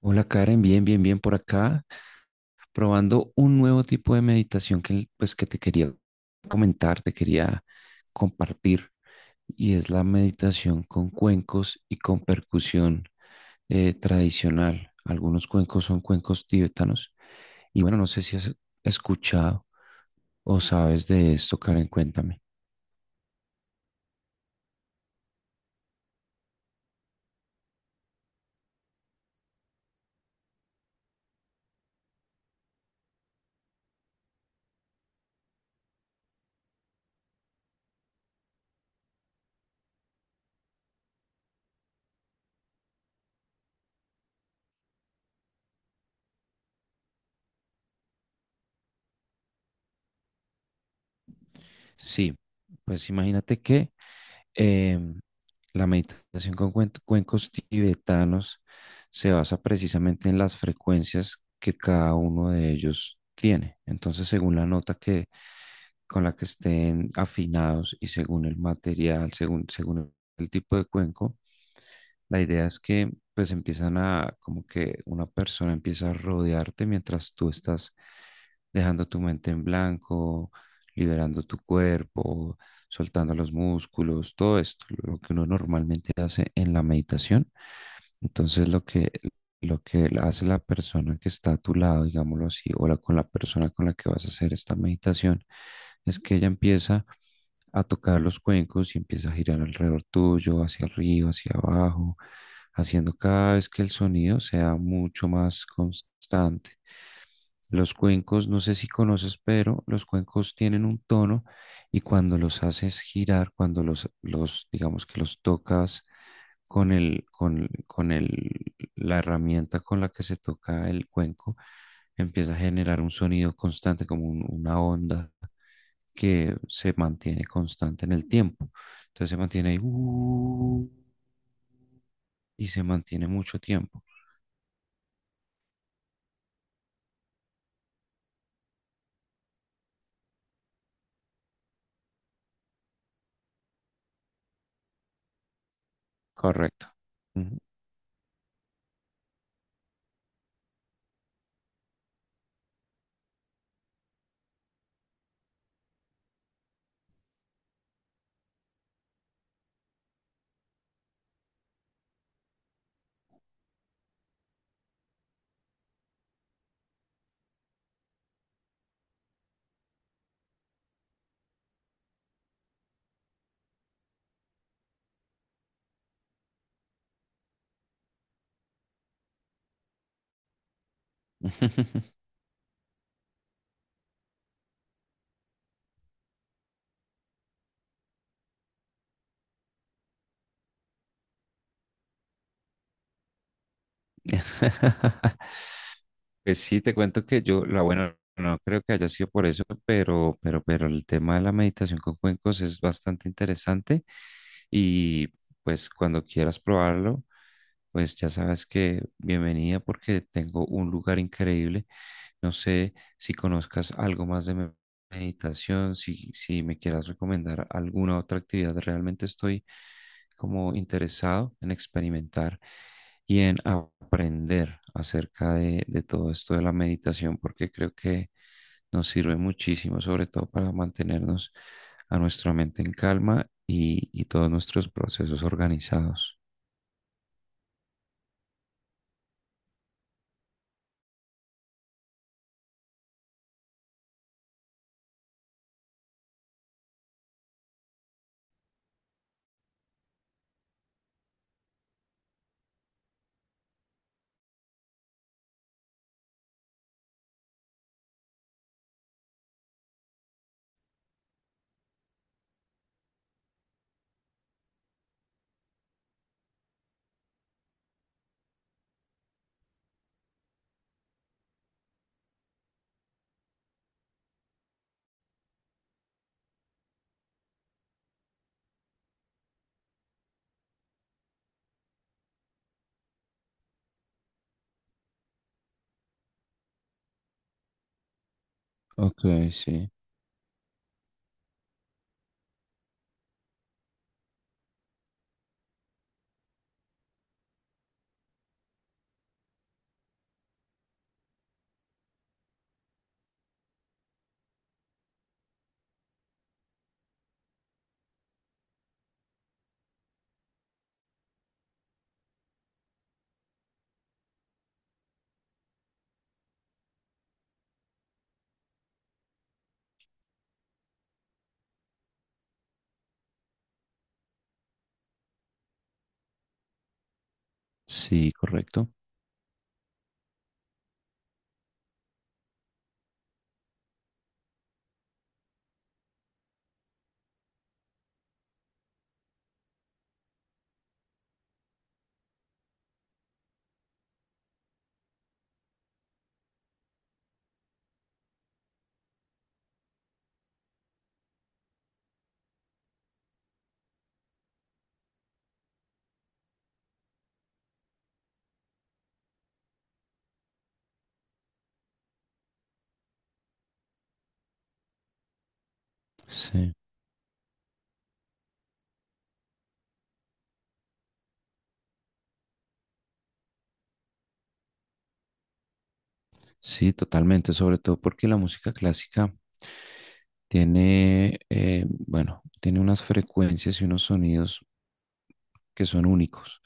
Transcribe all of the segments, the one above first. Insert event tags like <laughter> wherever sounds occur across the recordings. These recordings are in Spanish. Hola Karen, bien, bien, bien por acá, probando un nuevo tipo de meditación que, pues, que te quería comentar, te quería compartir, y es la meditación con cuencos y con percusión tradicional. Algunos cuencos son cuencos tibetanos, y bueno, no sé si has escuchado o sabes de esto, Karen, cuéntame. Sí, pues imagínate que Em, la meditación con cuencos tibetanos se basa precisamente en las frecuencias que cada uno de ellos tiene. Entonces, según la nota que con la que estén afinados y según el material, según, según el tipo de cuenco, la idea es que pues empiezan a, como que una persona empieza a rodearte mientras tú estás dejando tu mente en blanco, liberando tu cuerpo, soltando los músculos, todo esto, lo que uno normalmente hace en la meditación. Entonces lo que hace la persona que está a tu lado, digámoslo así, o con la persona con la que vas a hacer esta meditación, es que ella empieza a tocar los cuencos y empieza a girar alrededor tuyo, hacia arriba, hacia abajo, haciendo cada vez que el sonido sea mucho más constante. Los cuencos, no sé si conoces, pero los cuencos tienen un tono y cuando los haces girar, cuando los digamos que los tocas con el, la herramienta con la que se toca el cuenco, empieza a generar un sonido constante, como una onda que se mantiene constante en el tiempo. Entonces se mantiene ahí, y se mantiene mucho tiempo. Correcto. Ujú. <laughs> Pues sí, te cuento que yo, la buena, no creo que haya sido por eso, pero el tema de la meditación con cuencos es bastante interesante y pues cuando quieras probarlo, pues ya sabes que bienvenida porque tengo un lugar increíble. No sé si conozcas algo más de meditación, si me quieras recomendar alguna otra actividad. Realmente estoy como interesado en experimentar y en aprender acerca de todo esto de la meditación, porque creo que nos sirve muchísimo, sobre todo para mantenernos a nuestra mente en calma y todos nuestros procesos organizados. Ok, sí. Sí, correcto. Sí. Sí, totalmente, sobre todo porque la música clásica tiene, bueno, tiene unas frecuencias y unos sonidos que son únicos.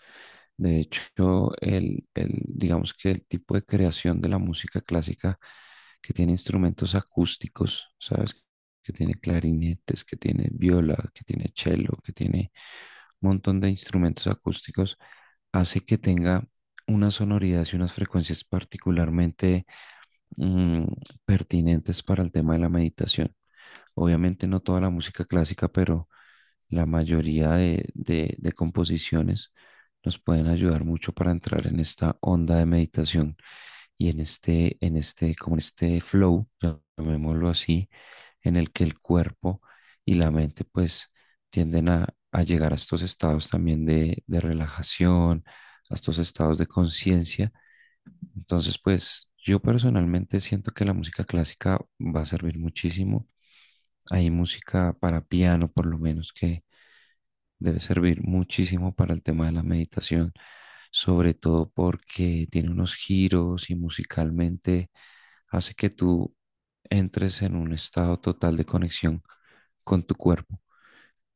De hecho, el digamos que el tipo de creación de la música clásica que tiene instrumentos acústicos, ¿sabes? Que tiene clarinetes, que tiene viola, que tiene cello, que tiene un montón de instrumentos acústicos, hace que tenga unas sonoridades y unas frecuencias particularmente mm, pertinentes para el tema de la meditación. Obviamente no toda la música clásica, pero la mayoría de, de composiciones nos pueden ayudar mucho para entrar en esta onda de meditación y en este, como en este flow, llamémoslo así, en el que el cuerpo y la mente pues tienden a llegar a estos estados también de relajación, a estos estados de conciencia, entonces, pues yo personalmente siento que la música clásica va a servir muchísimo. Hay música para piano, por lo menos, que debe servir muchísimo para el tema de la meditación, sobre todo porque tiene unos giros y musicalmente hace que tú entres en un estado total de conexión con tu cuerpo.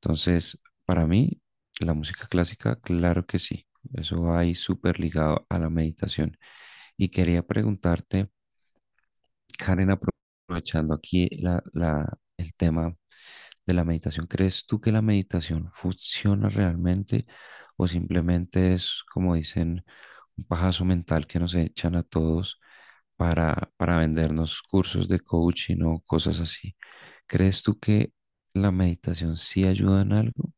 Entonces, para mí, la música clásica, claro que sí. Eso va ahí súper ligado a la meditación. Y quería preguntarte, Karen, aprovechando aquí el tema de la meditación, ¿crees tú que la meditación funciona realmente o simplemente es, como dicen, un pajazo mental que nos echan a todos para vendernos cursos de coaching o cosas así? ¿Crees tú que la meditación sí ayuda en algo?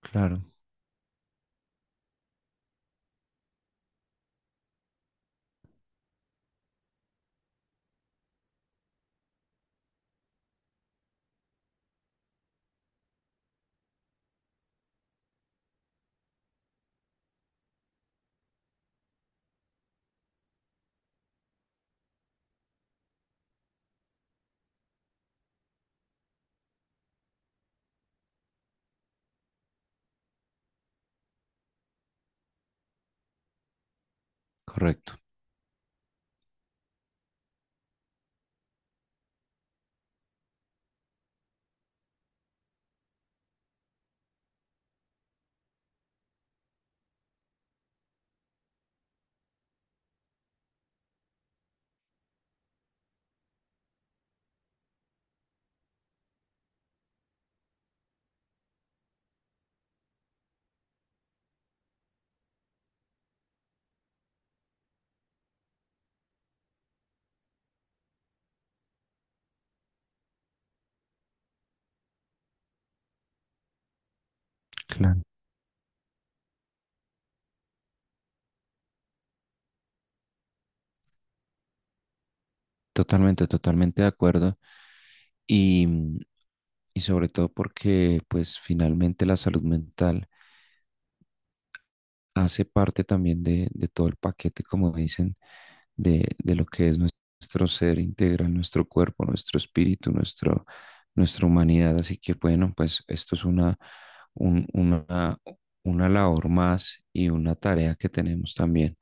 Claro, correcto. Claro. Totalmente, totalmente de acuerdo. Y, mm, y sobre todo porque pues finalmente la salud mental hace parte también de todo el paquete, como dicen, de lo que es nuestro ser integral, nuestro cuerpo, nuestro espíritu, nuestro, nuestra humanidad. Así que bueno, pues esto es una, un- una, una labor más y una tarea que tenemos también,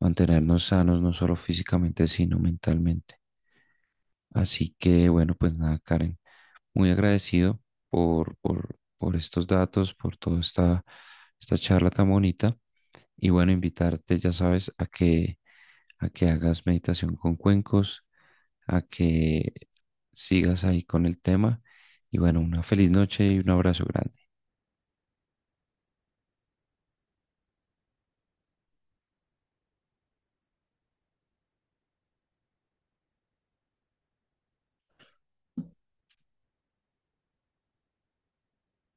mantenernos sanos no solo físicamente, sino mentalmente. Así que bueno, pues nada, Karen, muy agradecido por estos datos, por toda esta, esta charla tan bonita. Y bueno, invitarte, ya sabes, a que hagas meditación con cuencos, a que sigas ahí con el tema. Y bueno, una feliz noche y un abrazo grande.